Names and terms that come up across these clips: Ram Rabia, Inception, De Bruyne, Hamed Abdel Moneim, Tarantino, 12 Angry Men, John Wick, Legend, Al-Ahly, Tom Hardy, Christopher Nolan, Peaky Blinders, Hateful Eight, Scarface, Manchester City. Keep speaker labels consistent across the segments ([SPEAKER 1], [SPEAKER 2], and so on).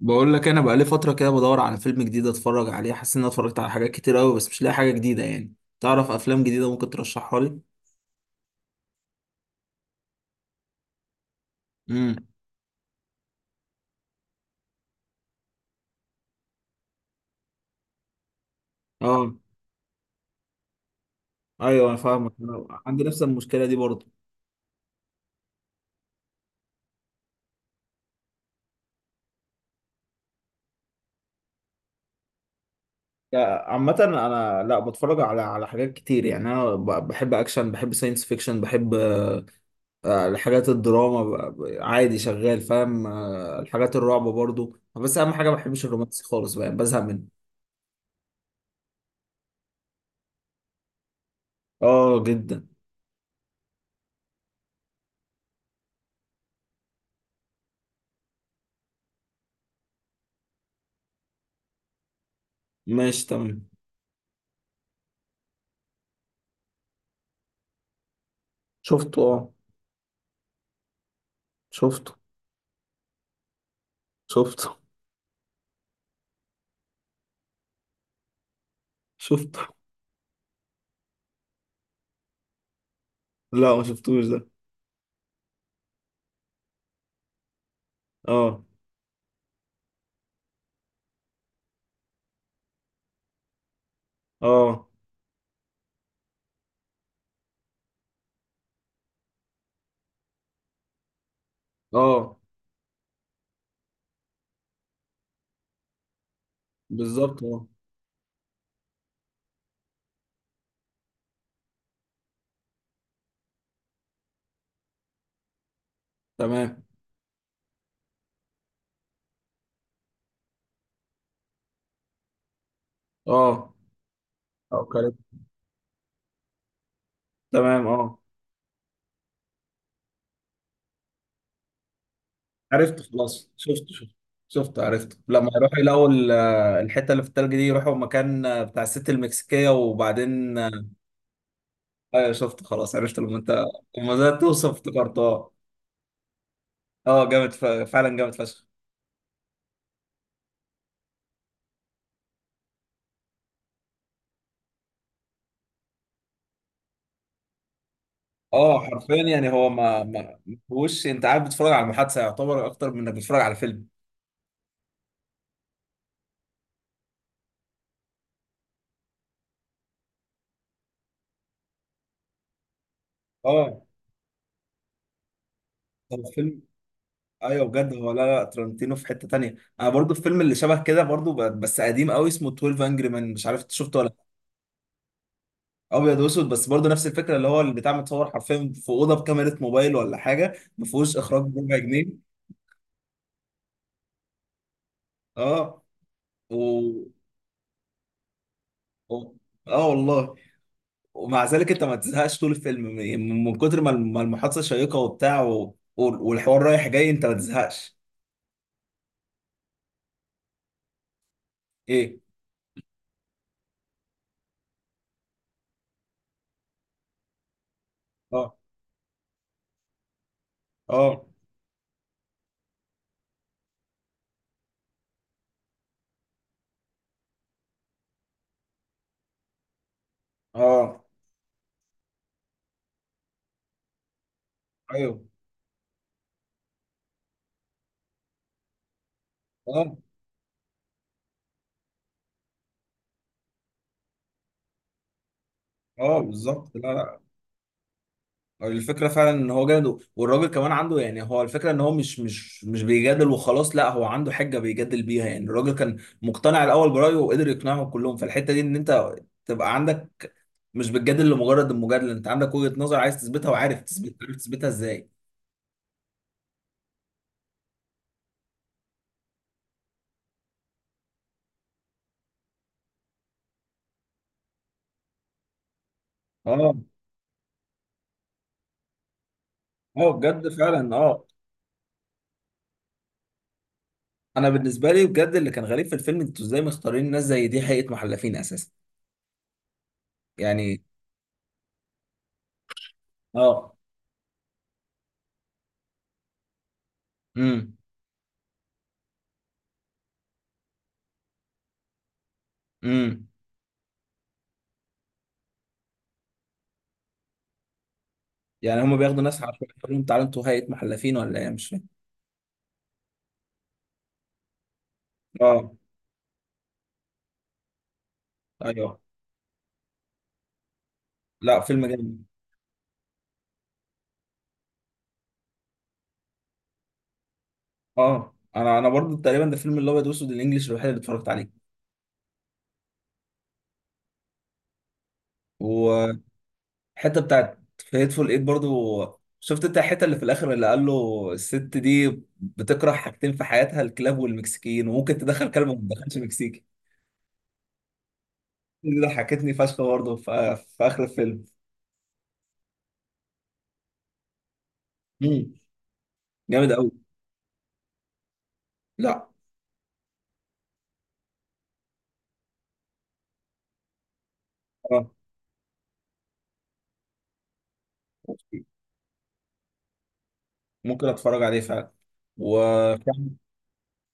[SPEAKER 1] بقول لك انا بقالي فتره كده بدور على فيلم جديد اتفرج عليه، حاسس ان انا اتفرجت على حاجات كتير قوي بس مش لاقي حاجه جديده يعني. تعرف افلام جديده ممكن ترشحها لي؟ امم اه، ايوه انا فاهمك، أنا عندي نفس المشكله دي برضه. لا، عامة أنا لا بتفرج على حاجات كتير. يعني أنا بحب أكشن، بحب ساينس فيكشن، بحب الحاجات الدراما، عادي شغال فاهم، الحاجات الرعب برضه. بس أهم حاجة ما بحبش الرومانسي خالص، بقى بزهق منه. آه جدا. ماشي تمام. شفته آه. شفته. شفته. شفته. لا ما شفتوش ده. اه. اه. اه بالظبط اه. تمام اه. او كاريت. تمام اه. عرفت خلاص، شفت شفت. شفت عرفت لما يروح يلاقوا الحته اللي في التلج دي، يروحوا مكان بتاع الست المكسيكيه وبعدين. ايوه شفت خلاص، عرفت لما انت لما بدات توصف افتكرت اه. اه جامد فعلا جامد فشخ. اه حرفيا، يعني هو ما هوش، انت قاعد بتتفرج على المحادثه يعتبر اكتر من انك بتتفرج على فيلم. اه هو فيلم. ايوه بجد هو، لا لا ترنتينو في حته تانية. انا برضو الفيلم اللي شبه كده برضو، بس قديم قوي، اسمه 12 انجري مان. مش عارف إنت شفته ولا لأ. ابيض واسود بس برضو نفس الفكره، اللي هو البتاع متصور حرفيا في اوضه بكاميرا موبايل ولا حاجه، ما فيهوش اخراج بربع جنيه. اه و... و... اه والله. ومع ذلك انت ما تزهقش طول الفيلم، من من كتر ما ما المحادثه شيقه وبتاع والحوار رايح جاي انت ما تزهقش. ايه. اه. اه. اه. ايوه. اه. اه بالظبط. لا لا، الفكرة فعلا ان هو جامد، والراجل كمان عنده، يعني هو الفكرة ان هو مش بيجادل وخلاص، لا هو عنده حجة بيجادل بيها. يعني الراجل كان مقتنع الاول برأيه وقدر يقنعهم كلهم، فالحتة دي ان انت تبقى عندك، مش بتجادل لمجرد المجادلة، انت عندك وجهة نظر عايز تثبتها وعارف تثبت، عارف تثبتها ازاي. اه. اه بجد فعلا اه. انا بالنسبة لي بجد اللي كان غريب في الفيلم، انتوا ازاي مختارين ناس زي دي حقيقة محلفين اساسا؟ يعني. اه. امم امم. يعني هما بياخدوا ناس عشان يقولوا لهم تعالوا انتوا هيئة محلفين، ولا ايه؟ مش فاهم. اه. ايوه. لا فيلم جامد. اه انا انا برضو تقريبا ده الفيلم الابيض واسود الانجليش الوحيد اللي اتفرجت عليه. والحته بتاعت في هيتفول ايت برضو، شفت انت الحته اللي في الاخر اللي قال له الست دي بتكره حاجتين في حياتها، الكلاب والمكسيكيين، وممكن تدخل كلب وما تدخلش مكسيكي. دي ضحكتني فشخ برضو في اخر الفيلم. امم جامد قوي. لا اه، ممكن اتفرج عليه فعلا و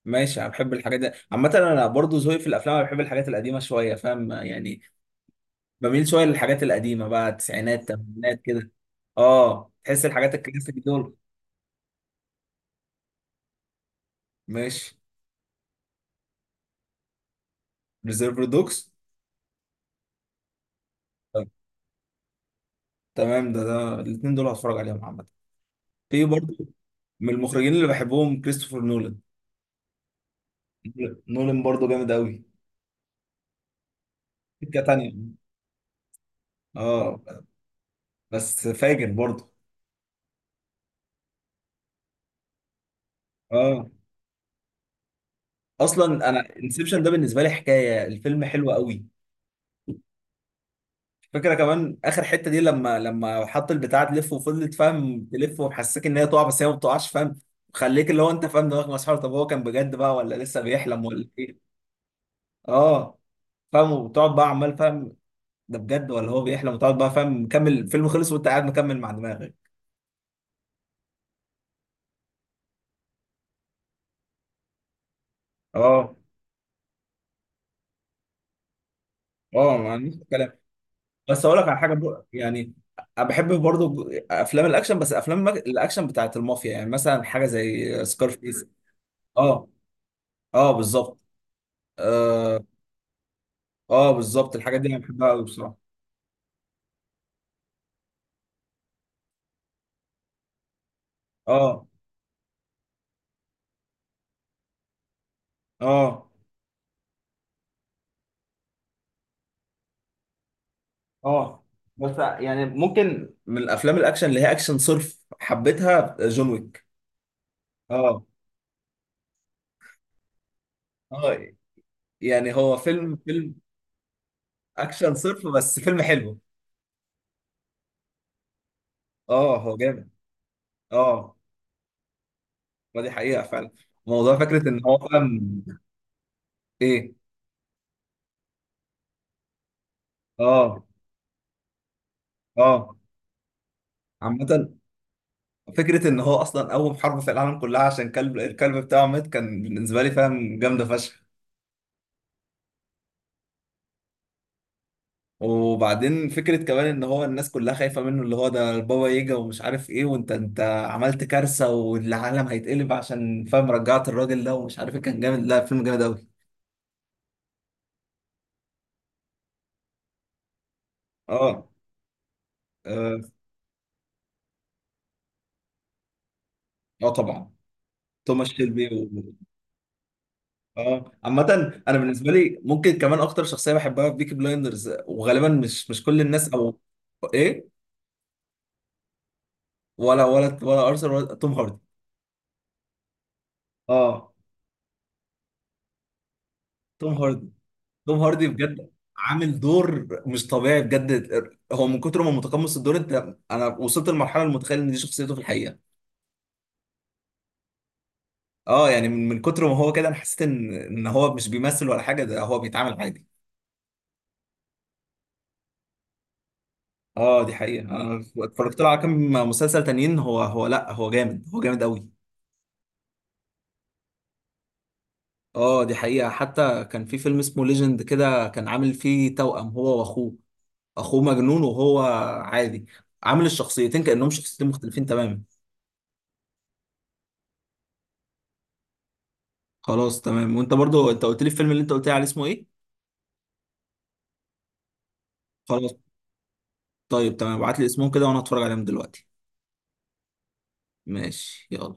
[SPEAKER 1] ماشي. انا بحب الحاجات دي عامة، انا برضو ذوقي في الافلام انا بحب الحاجات القديمة شوية، فاهم يعني؟ بميل شويه للحاجات القديمه بقى، التسعينات الثمانينات كده. اه تحس الحاجات الكلاسيك دول. ماشي. ريزيرف دوكس. طب، تمام ده، ده الاثنين دول هتفرج عليهم عامه. في برضه من المخرجين اللي بحبهم كريستوفر نولان. نولان برضه جامد قوي، سكه تانيه اه. بس فاجر برضه. اه. اصلا انا انسبشن ده بالنسبه لي حكايه، الفيلم حلو قوي. فكرة كمان اخر حتة دي، لما لما حط البتاع تلف وفضلت فاهم تلف ومحسسك ان هي تقع بس هي ما بتقعش، فاهم؟ خليك اللي هو انت فاهم دماغك مسحور، طب هو كان بجد بقى ولا لسه بيحلم ولا ايه؟ اه فاهم، وتقعد بقى عمال فاهم، ده بجد ولا هو بيحلم، وتقعد بقى فاهم، مكمل الفيلم خلص وانت قاعد مكمل مع دماغك. اه. اه ما عنديش كلام. بس اقول لك على حاجة بقى، يعني انا بحب برضو افلام الاكشن، بس افلام الاكشن بتاعت المافيا، يعني مثلا حاجة زي سكارفيس. اه. اه بالظبط. اه بالظبط الحاجات دي انا بحبها قوي بصراحه. اه. اه. اه. بس يعني ممكن من الافلام الاكشن اللي هي اكشن صرف حبيتها، جون ويك. اه. اه يعني هو فيلم فيلم اكشن صرف بس فيلم حلو. اه هو جامد. اه ما دي حقيقه فعلا، موضوع فكره ان هو فاهم. ايه. اه. اه. عامة فكرة إن هو أصلا أول حرب في العالم كلها عشان كلب، الكلب بتاعه مات، كان بالنسبة لي فاهم جامدة فشخ. وبعدين فكرة كمان ان هو الناس كلها خايفة منه، اللي هو ده البابا يجا ومش عارف ايه، وانت انت عملت كارثة والعالم هيتقلب عشان فاهم رجعت الراجل ده ومش عارف ايه، كان جامد. لا فيلم جامد قوي. اه. اه. آه طبعا. توماس شيلبي اه. عامة انا بالنسبة لي ممكن كمان اكتر شخصية بحبها في بيكي بلايندرز، وغالبا مش كل الناس، او ايه؟ ولا ارثر ولا توم هاردي. اه. توم هاردي. توم هاردي بجد، عامل دور مش طبيعي بجد. هو من كتر ما متقمص الدور انت، انا وصلت لمرحله متخيل ان دي شخصيته في الحقيقه. اه يعني من من كتر ما هو كده، انا حسيت ان هو مش بيمثل ولا حاجه، ده هو بيتعامل عادي. اه دي حقيقه، انا اتفرجت له على كام مسلسل تانيين، هو هو لا هو جامد، هو جامد قوي. اه دي حقيقه، حتى كان في فيلم اسمه ليجند كده، كان عامل فيه توأم هو واخوه. اخوه مجنون وهو عادي، عامل الشخصيتين كأنهم شخصيتين مختلفين تماما. خلاص تمام. وانت برضو انت قلت لي الفيلم اللي انت قلت لي عليه اسمه ايه؟ خلاص. طيب تمام، ابعت لي اسمهم كده وانا هتفرج عليهم دلوقتي. ماشي يلا.